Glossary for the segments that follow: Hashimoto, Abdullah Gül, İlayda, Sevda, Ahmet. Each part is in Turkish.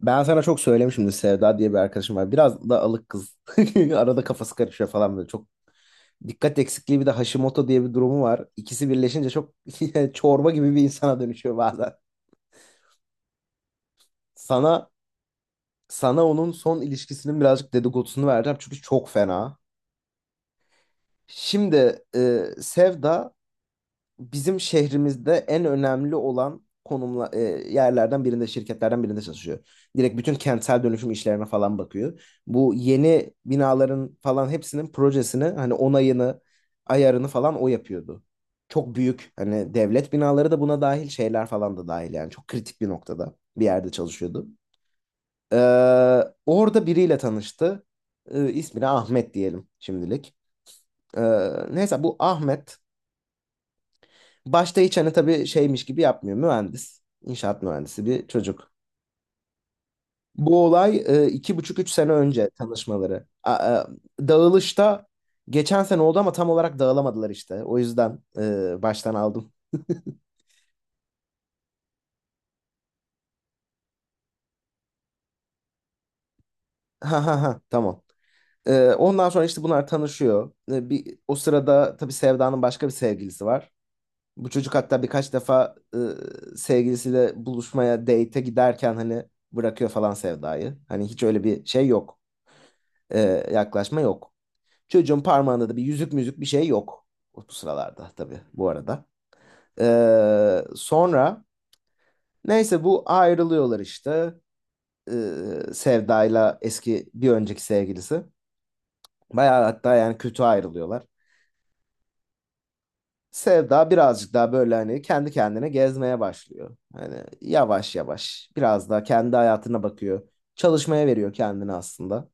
Ben sana çok söylemişimdir Sevda diye bir arkadaşım var. Biraz da alık kız. Arada kafası karışıyor falan böyle. Çok dikkat eksikliği bir de Hashimoto diye bir durumu var. İkisi birleşince çok çorba gibi bir insana dönüşüyor bazen. Sana sana onun son ilişkisinin birazcık dedikodusunu vereceğim çünkü çok fena. Şimdi Sevda bizim şehrimizde en önemli olan konumla yerlerden birinde, şirketlerden birinde çalışıyor. Direkt bütün kentsel dönüşüm işlerine falan bakıyor. Bu yeni binaların falan hepsinin projesini hani onayını, ayarını falan o yapıyordu. Çok büyük hani devlet binaları da buna dahil şeyler falan da dahil yani çok kritik bir noktada bir yerde çalışıyordu. Ee, orada biriyle tanıştı. İsmini Ahmet diyelim şimdilik. Ee, neyse bu Ahmet başta hiç hani tabii şeymiş gibi yapmıyor. Mühendis, inşaat mühendisi bir çocuk. Bu olay iki buçuk üç sene önce tanışmaları. Dağılışta geçen sene oldu ama tam olarak dağılamadılar işte. O yüzden baştan aldım. Ha ha ha, tamam. Ondan sonra işte bunlar tanışıyor. O sırada tabii Sevda'nın başka bir sevgilisi var. Bu çocuk hatta birkaç defa sevgilisiyle buluşmaya, date'e giderken hani bırakıyor falan Sevda'yı. Hani hiç öyle bir şey yok. E, yaklaşma yok. Çocuğun parmağında da bir yüzük müzük bir şey yok. O bu sıralarda tabii bu arada. Sonra neyse bu ayrılıyorlar işte. Sevda'yla eski bir önceki sevgilisi. Bayağı hatta yani kötü ayrılıyorlar. Sevda birazcık daha böyle hani kendi kendine gezmeye başlıyor. Hani yavaş yavaş biraz daha kendi hayatına bakıyor. Çalışmaya veriyor kendini aslında.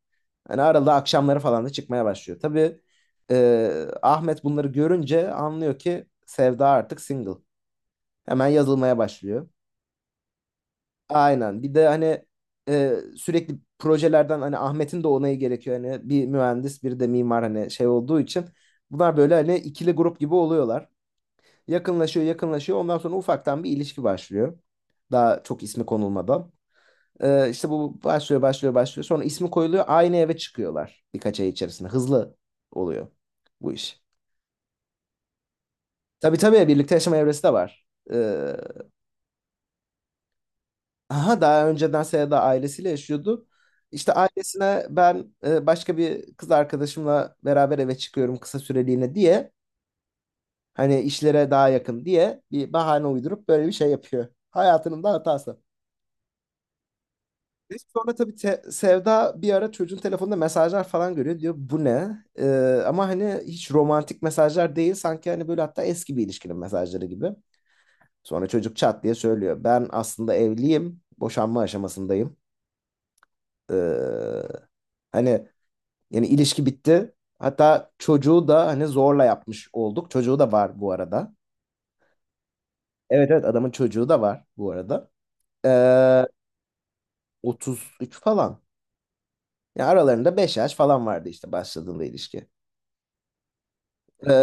Hani arada akşamları falan da çıkmaya başlıyor. Tabii Ahmet bunları görünce anlıyor ki Sevda artık single. Hemen yazılmaya başlıyor. Aynen. Bir de hani sürekli projelerden hani Ahmet'in de onayı gerekiyor. Hani bir mühendis, bir de mimar hani şey olduğu için bunlar böyle hani ikili grup gibi oluyorlar. Yakınlaşıyor, yakınlaşıyor. Ondan sonra ufaktan bir ilişki başlıyor. Daha çok ismi konulmadan. İşte bu başlıyor, başlıyor, başlıyor. Sonra ismi koyuluyor. Aynı eve çıkıyorlar birkaç ay içerisinde. Hızlı oluyor bu iş. Tabii tabii, birlikte yaşama evresi de var. Ee, aha, daha önceden Seda ailesiyle yaşıyordu. İşte ailesine ben başka bir kız arkadaşımla beraber eve çıkıyorum kısa süreliğine diye. Hani işlere daha yakın diye bir bahane uydurup böyle bir şey yapıyor. Hayatının da hatası. Neyse, sonra tabii Sevda bir ara çocuğun telefonunda mesajlar falan görüyor. Diyor bu ne? Ama hani hiç romantik mesajlar değil. Sanki hani böyle hatta eski bir ilişkinin mesajları gibi. Sonra çocuk çat diye söylüyor. Ben aslında evliyim. Boşanma aşamasındayım. Ee, hani yani ilişki bitti. Hatta çocuğu da hani zorla yapmış olduk. Çocuğu da var bu arada. Evet evet, adamın çocuğu da var bu arada. Ee, 33 falan. Yani aralarında 5 yaş falan vardı işte başladığında ilişki. Ee,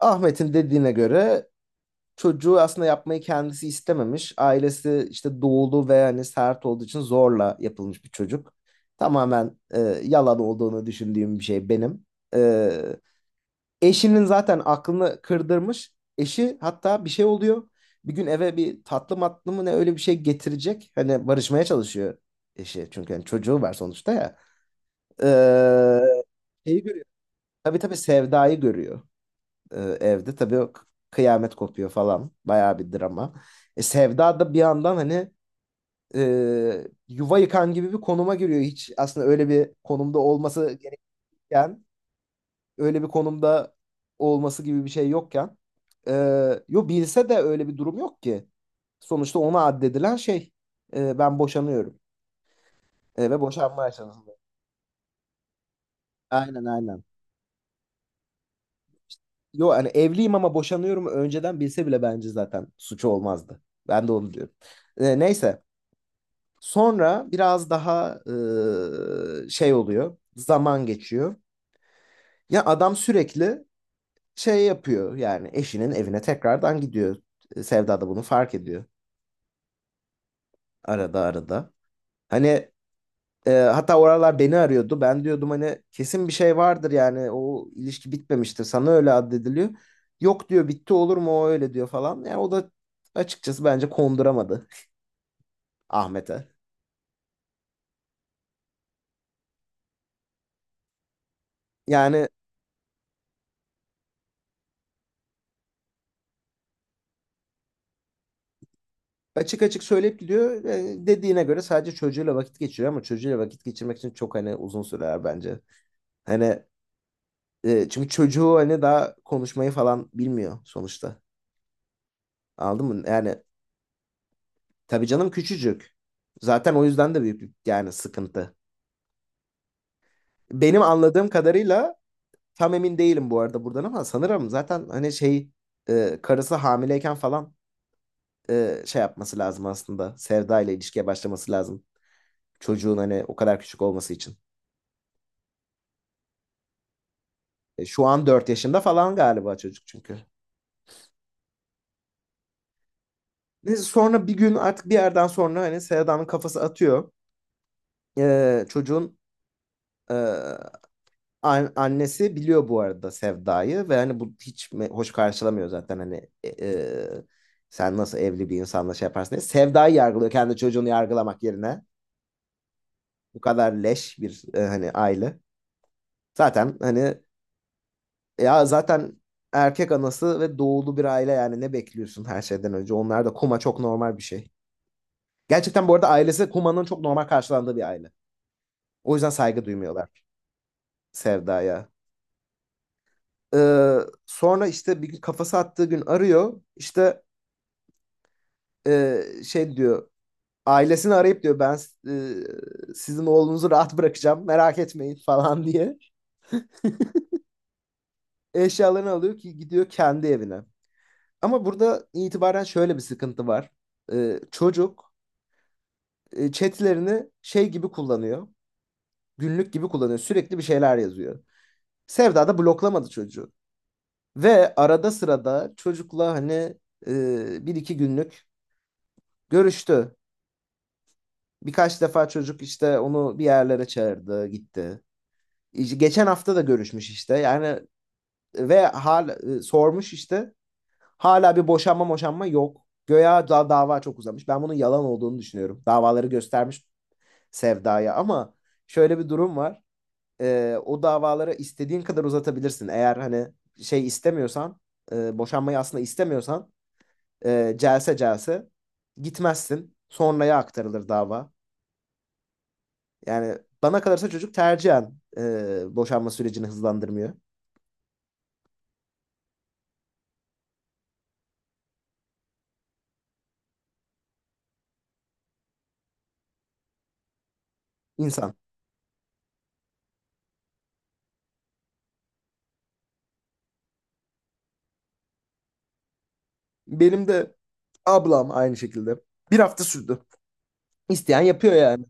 Ahmet'in dediğine göre çocuğu aslında yapmayı kendisi istememiş. Ailesi işte doğulu ve hani sert olduğu için zorla yapılmış bir çocuk. Tamamen yalan olduğunu düşündüğüm bir şey benim. E, eşinin zaten aklını kırdırmış. Eşi hatta bir şey oluyor. Bir gün eve bir tatlı matlı mı ne öyle bir şey getirecek. Hani barışmaya çalışıyor eşi. Çünkü hani çocuğu var sonuçta ya. Şeyi görüyor. Tabii tabii, Sevda'yı görüyor evde. Tabii o kıyamet kopuyor falan. Bayağı bir drama. Sevda da bir yandan hani yuva yıkan gibi bir konuma giriyor. Hiç aslında öyle bir konumda olması gerekirken, öyle bir konumda olması gibi bir şey yokken. E, yo, bilse de öyle bir durum yok ki. Sonuçta ona addedilen şey "e, ben boşanıyorum "E, ve boşanma aşamasında. Aynen aynen. yo hani evliyim ama boşanıyorum önceden bilse bile bence zaten suçu olmazdı. Ben de". Onu diyorum. E, neyse. Sonra biraz daha e, şey oluyor. Zaman geçiyor. Ya adam sürekli şey yapıyor. Yani eşinin evine tekrardan gidiyor. E, Sevda da bunu fark ediyor. Arada arada. Hani e, hatta oralar beni arıyordu. Ben diyordum hani kesin bir şey vardır yani. O ilişki bitmemiştir. Sana öyle addediliyor. Yok diyor bitti olur mu o öyle diyor falan. Yani o da açıkçası bence konduramadı Ahmet'e. Yani Açık açık söyleyip gidiyor. E, dediğine göre sadece çocuğuyla vakit geçiriyor ama çocuğuyla vakit geçirmek için çok hani uzun sürer bence. Hani e, çünkü çocuğu hani daha konuşmayı falan bilmiyor sonuçta. Anladın mı? Yani tabii canım küçücük. Zaten o yüzden de büyük bir yani sıkıntı. Benim anladığım kadarıyla tam emin değilim bu arada buradan ama sanırım zaten hani şey e, karısı hamileyken falan e, şey yapması lazım aslında. Sevda ile ilişkiye başlaması lazım. Çocuğun hani o kadar küçük olması için. E, Şu an 4 yaşında falan galiba çocuk çünkü. Neyse sonra bir gün artık bir yerden sonra hani Sevda'nın kafası atıyor. E, çocuğun e, an- annesi biliyor bu arada Sevda'yı ve hani bu hiç me hoş karşılamıyor zaten hani e, e, sen nasıl evli bir insanla şey yaparsın diye. Sevda'yı yargılıyor kendi çocuğunu yargılamak yerine. Bu kadar leş bir e, hani aile. Zaten hani ya zaten erkek anası ve doğulu bir aile yani ne bekliyorsun her şeyden önce? Onlar da kuma çok normal bir şey. Gerçekten bu arada ailesi Huma'nın çok normal karşılandığı bir aile. O yüzden saygı duymuyorlar Sevda'ya. Ee, sonra işte bir gün kafası attığı gün arıyor. İşte e, şey diyor. Ailesini arayıp diyor ben e, sizin oğlunuzu rahat bırakacağım merak etmeyin falan diye. Eşyalarını alıyor ki gidiyor kendi evine. Ama burada itibaren şöyle bir sıkıntı var. Çocuk e, chatlerini şey gibi kullanıyor. Günlük gibi kullanıyor. Sürekli bir şeyler yazıyor. Sevda da bloklamadı çocuğu. Ve arada sırada çocukla hani e, bir iki günlük görüştü. Birkaç defa çocuk işte onu bir yerlere çağırdı, gitti. İşte Geçen hafta da görüşmüş işte. Yani ve hal e, sormuş işte. Hala bir boşanma boşanma yok. Göya da dava çok uzamış. Ben bunun yalan olduğunu düşünüyorum. Davaları göstermiş Sevda'ya ama şöyle bir durum var. E, o davaları istediğin kadar uzatabilirsin. Eğer hani şey istemiyorsan, e, boşanmayı aslında istemiyorsan e, celse celse gitmezsin. Sonraya aktarılır dava. Yani bana kalırsa çocuk tercihen e, boşanma sürecini hızlandırmıyor. İnsan. Benim de ablam aynı şekilde. 1 hafta sürdü. İsteyen yapıyor yani.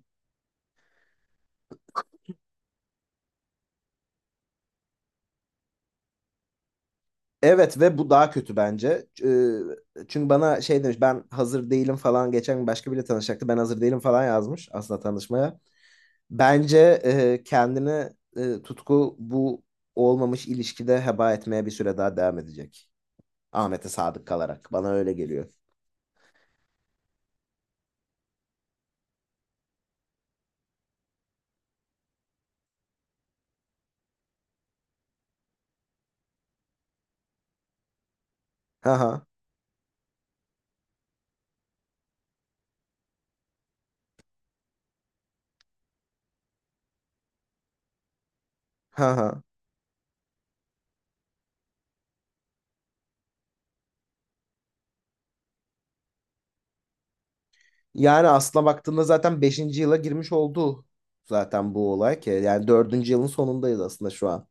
Evet ve bu daha kötü bence. Çünkü bana şey demiş ben hazır değilim falan geçen gün başka biriyle tanışacaktı. Ben hazır değilim falan yazmış aslında tanışmaya. Bence e, kendini e, Tutku bu olmamış ilişkide heba etmeye bir süre daha devam edecek. Ahmet'e sadık kalarak. Bana öyle geliyor. Ha ha. Ha ha. Yani aslına baktığında zaten 5. yıla girmiş oldu zaten bu olay ki. Yani 4. yılın sonundayız aslında şu an.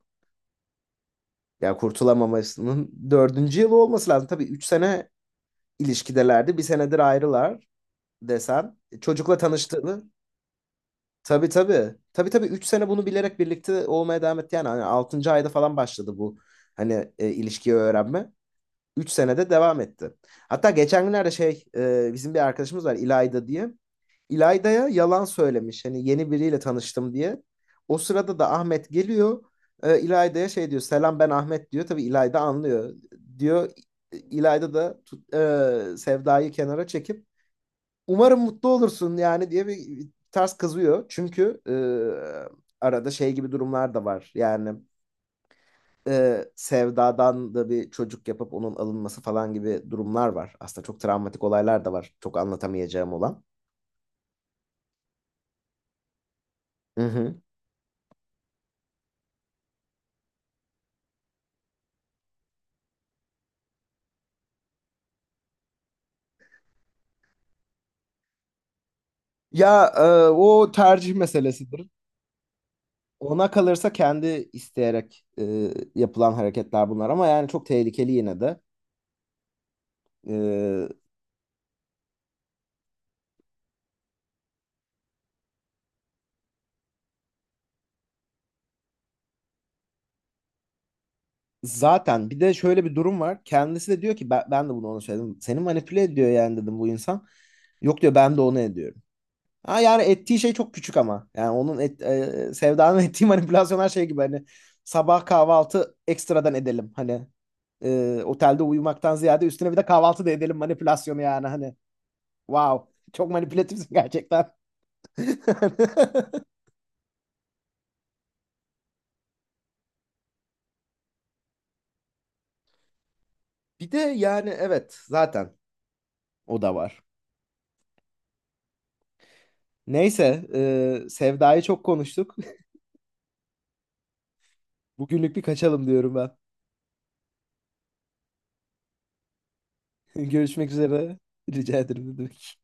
Yani kurtulamamasının 4. yılı olması lazım. Tabii 3 sene ilişkidelerdi. 1 senedir ayrılar desen. E, Çocukla tanıştığını. Tabii tabii. Tabii tabii 3 sene bunu bilerek birlikte olmaya devam etti. Yani hani 6. ayda falan başladı bu. Hani e, ilişkiyi öğrenme. 3 senede devam etti. Hatta geçen günlerde şey e, bizim bir arkadaşımız var İlayda diye. İlayda'ya yalan söylemiş. Hani yeni biriyle tanıştım diye. O sırada da Ahmet geliyor. E, İlayda'ya şey diyor. Selam ben Ahmet diyor. Tabii İlayda anlıyor. Diyor İlayda da tut- e, Sevda'yı kenara çekip umarım mutlu olursun yani diye bir ters kızıyor. Çünkü e, arada şey gibi durumlar da var. Yani e, Sevda'dan da bir çocuk yapıp onun alınması falan gibi durumlar var. Aslında çok travmatik olaylar da var. Çok anlatamayacağım olan. Hı hı. Ya e, o tercih meselesidir. Ona kalırsa kendi isteyerek e, yapılan hareketler bunlar ama yani çok tehlikeli yine de. E, zaten bir de şöyle bir durum var. Kendisi de diyor ki ben, ben de bunu ona söyledim. Seni manipüle ediyor yani dedim bu insan. Yok diyor ben de onu ediyorum. Ha yani ettiği şey çok küçük ama. Yani onun et, e, Sevda'nın ettiği manipülasyonlar şey gibi hani sabah kahvaltı ekstradan edelim. Hani e, otelde uyumaktan ziyade üstüne bir de kahvaltı da edelim manipülasyonu yani hani. Wow. Çok manipülatifsin gerçekten. Bir de yani evet zaten o da var. Neyse e, Sevda'yı çok konuştuk. Bugünlük bir kaçalım diyorum ben. Görüşmek üzere. Rica ederim. Ne demek.